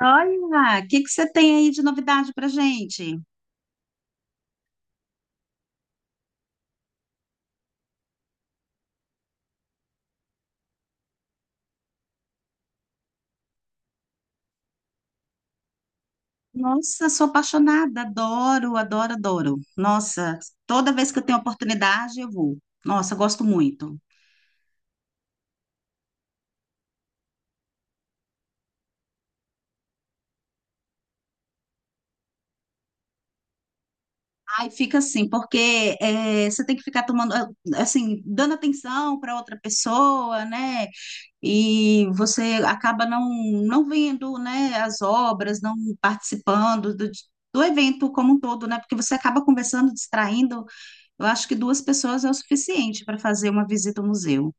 Olha, o que que você tem aí de novidade pra gente? Nossa, sou apaixonada, adoro, adoro, adoro. Nossa, toda vez que eu tenho oportunidade, eu vou. Nossa, eu gosto muito. Aí fica assim, porque você tem que ficar tomando, assim, dando atenção para outra pessoa, né? E você acaba não vendo, né, as obras, não participando do evento como um todo, né? Porque você acaba conversando, distraindo. Eu acho que duas pessoas é o suficiente para fazer uma visita ao museu.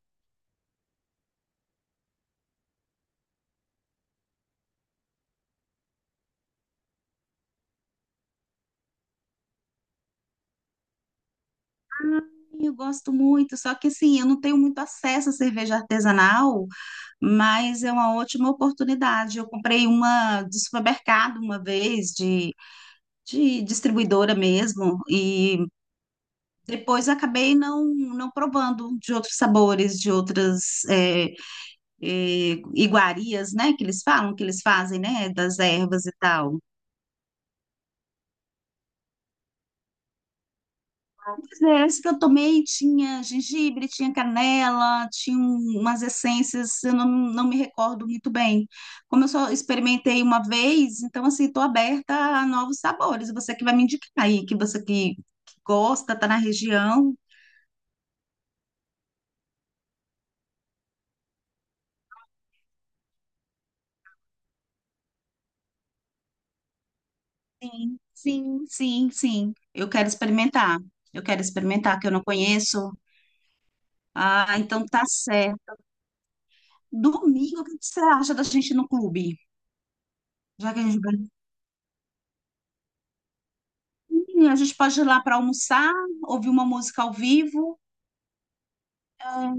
Eu gosto muito, só que assim, eu não tenho muito acesso à cerveja artesanal, mas é uma ótima oportunidade. Eu comprei uma de supermercado uma vez, de distribuidora mesmo, e depois acabei não provando de outros sabores, de outras iguarias, né? Que eles falam, que eles fazem, né? Das ervas e tal. Mas é, esse que eu tomei tinha gengibre, tinha canela, tinha umas essências, eu não me recordo muito bem. Como eu só experimentei uma vez, então assim, estou aberta a novos sabores. Você que vai me indicar aí, que você que gosta, tá na região. Sim, sim, sim, sim. Eu quero experimentar. Eu quero experimentar, que eu não conheço. Ah, então tá certo. Domingo, o que você acha da gente ir no clube? Já que a gente vai. Sim, a gente pode ir lá para almoçar, ouvir uma música ao vivo. Ah,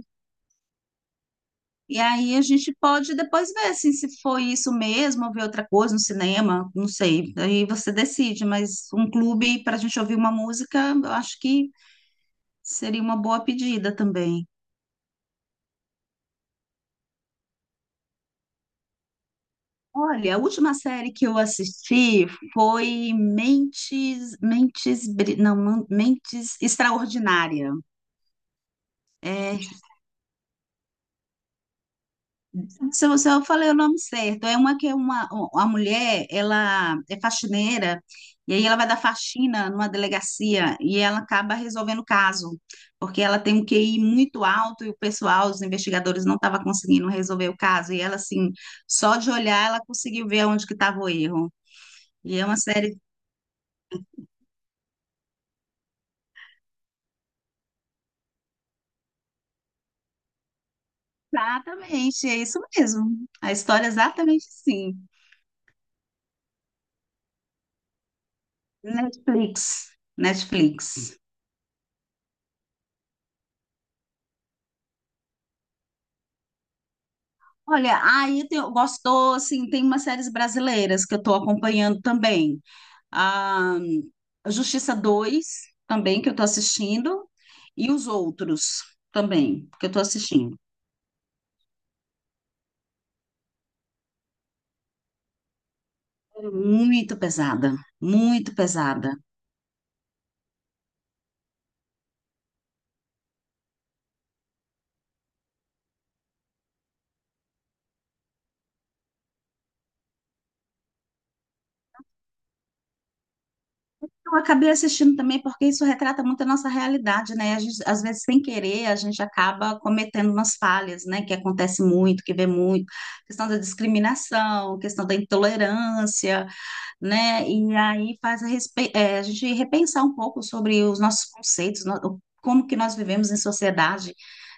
e aí a gente pode depois ver assim, se foi isso mesmo, ou ver outra coisa no cinema, não sei. Aí você decide, mas um clube para a gente ouvir uma música, eu acho que seria uma boa pedida também. Olha, a última série que eu assisti foi Mentes, Mentes, Bri- não, Man- Mentes Extraordinária. É, se eu falei o nome certo, é uma mulher, ela é faxineira e aí ela vai dar faxina numa delegacia e ela acaba resolvendo o caso, porque ela tem um QI muito alto e o pessoal, os investigadores não estavam conseguindo resolver o caso e ela assim, só de olhar ela conseguiu ver onde que estava o erro. E é uma série. Exatamente, é isso mesmo. A história é exatamente assim. Netflix, Netflix. Olha, aí gostou, assim, tem umas séries brasileiras que eu estou acompanhando também. A Justiça dois também, que eu estou assistindo, e os outros também, que eu estou assistindo. É muito pesada, muito pesada. Eu acabei assistindo também porque isso retrata muito a nossa realidade, né? A gente, às vezes, sem querer, a gente acaba cometendo umas falhas, né? Que acontece muito, que vê muito, questão da discriminação, questão da intolerância, né? E aí faz a gente repensar um pouco sobre os nossos conceitos, como que nós vivemos em sociedade,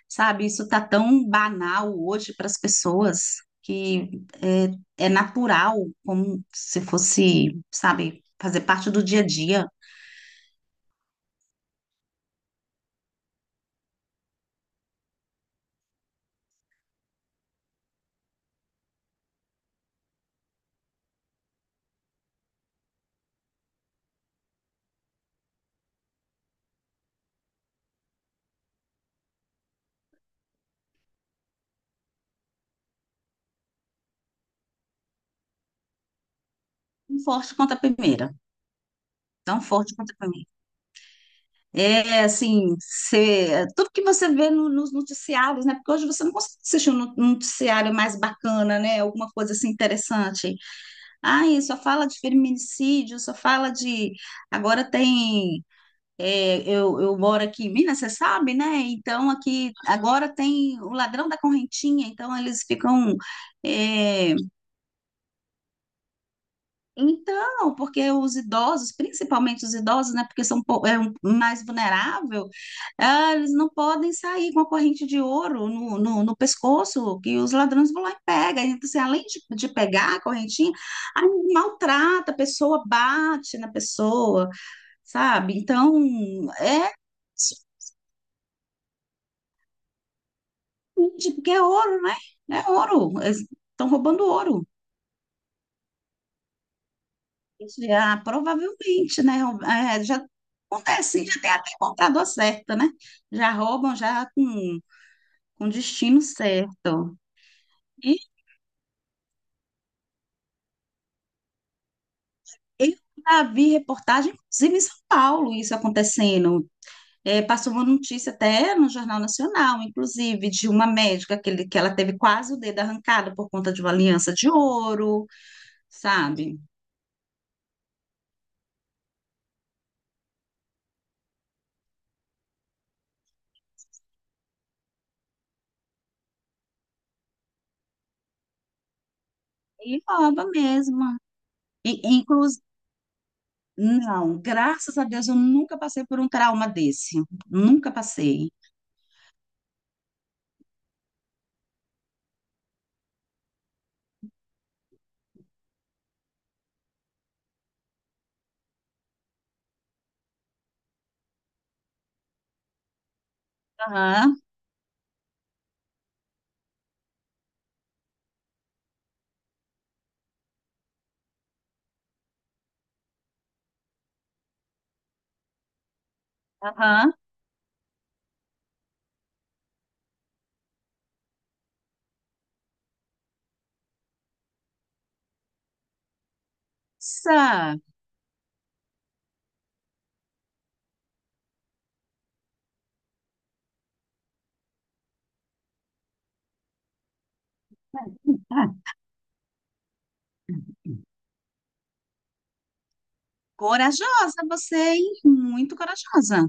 sabe? Isso tá tão banal hoje para as pessoas que é natural, como se fosse, sabe? Fazer parte do dia a dia. Tão forte quanto a primeira. Tão forte quanto a primeira. É assim, tudo que você vê nos noticiários, né? Porque hoje você não consegue assistir um noticiário mais bacana, né? Alguma coisa assim interessante. Ai, só fala de feminicídio, só fala de. Agora tem. Eu eu moro aqui em Minas, você sabe, né? Então aqui agora tem o ladrão da correntinha, então eles ficam. é, Então, porque os idosos, principalmente os idosos, né, porque são mais vulnerável. Eles não podem sair com a corrente de ouro no pescoço, que os ladrões vão lá e pegam. Então, assim, além de pegar a correntinha, aí maltrata a pessoa, bate na pessoa, sabe? Então, é, porque é ouro, né? É ouro. Eles estão roubando ouro. Já, provavelmente, né? É, já acontece, já tem até comprador certo, né? Já roubam já com destino certo. E eu já vi reportagem, inclusive em São Paulo, isso acontecendo. É, passou uma notícia até no Jornal Nacional, inclusive, de uma médica que ela teve quase o dedo arrancado por conta de uma aliança de ouro, sabe? E rouba mesmo. E, Não, graças a Deus eu nunca passei por um trauma desse. Nunca passei. Aham, aham. Sa- ah, Corajosa você, hein? Muito corajosa.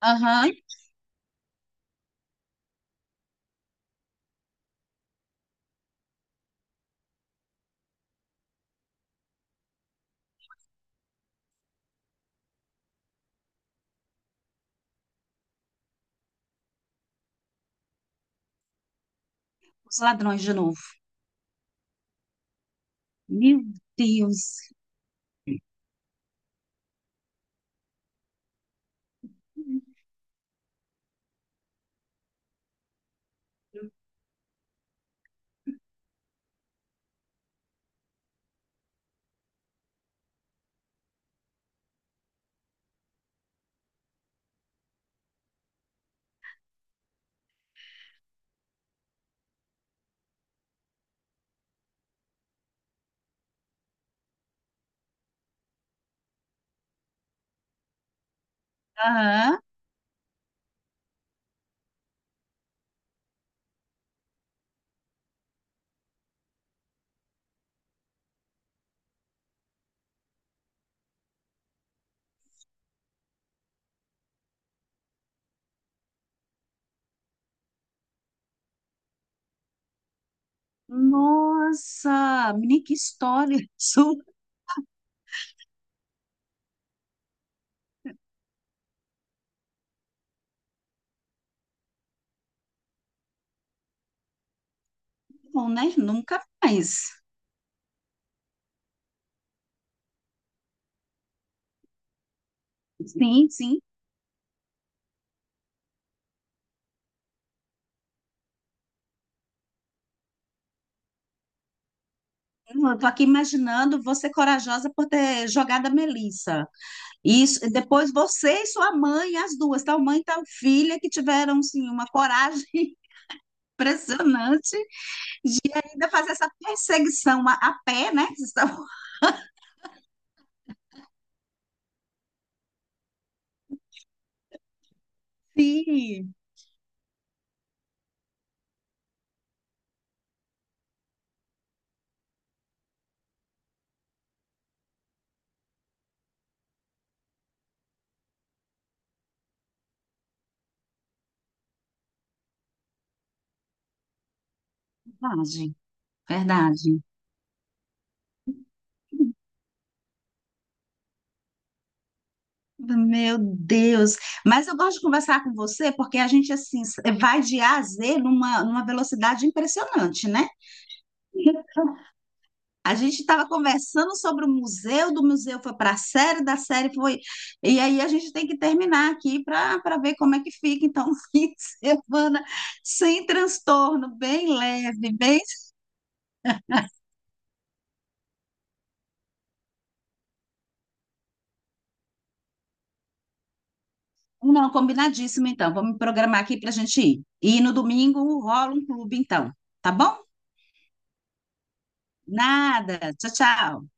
Aham. Os ladrões de novo. Meu Deus. Aham. Nossa, menina, que história. Super bom, né? Nunca mais. Sim, sim. Eu tô aqui imaginando você corajosa por ter jogado a Melissa. Isso, e depois você e sua mãe, as duas, tal mãe e tal filha, que tiveram, assim, uma coragem impressionante de ainda fazer essa perseguição a pé, né? Vocês estavam- Sim, verdade, verdade. Meu Deus, mas eu gosto de conversar com você porque a gente assim vai de A a Z numa velocidade impressionante, né? A gente estava conversando sobre o museu, do museu foi para a série, da série foi. E aí a gente tem que terminar aqui para ver como é que fica. Então, um fim de semana sem transtorno, bem leve, bem. Não, combinadíssimo, então. Vamos programar aqui para a gente ir. E no domingo rola um clube, então. Tá bom? Nada. Tchau, tchau.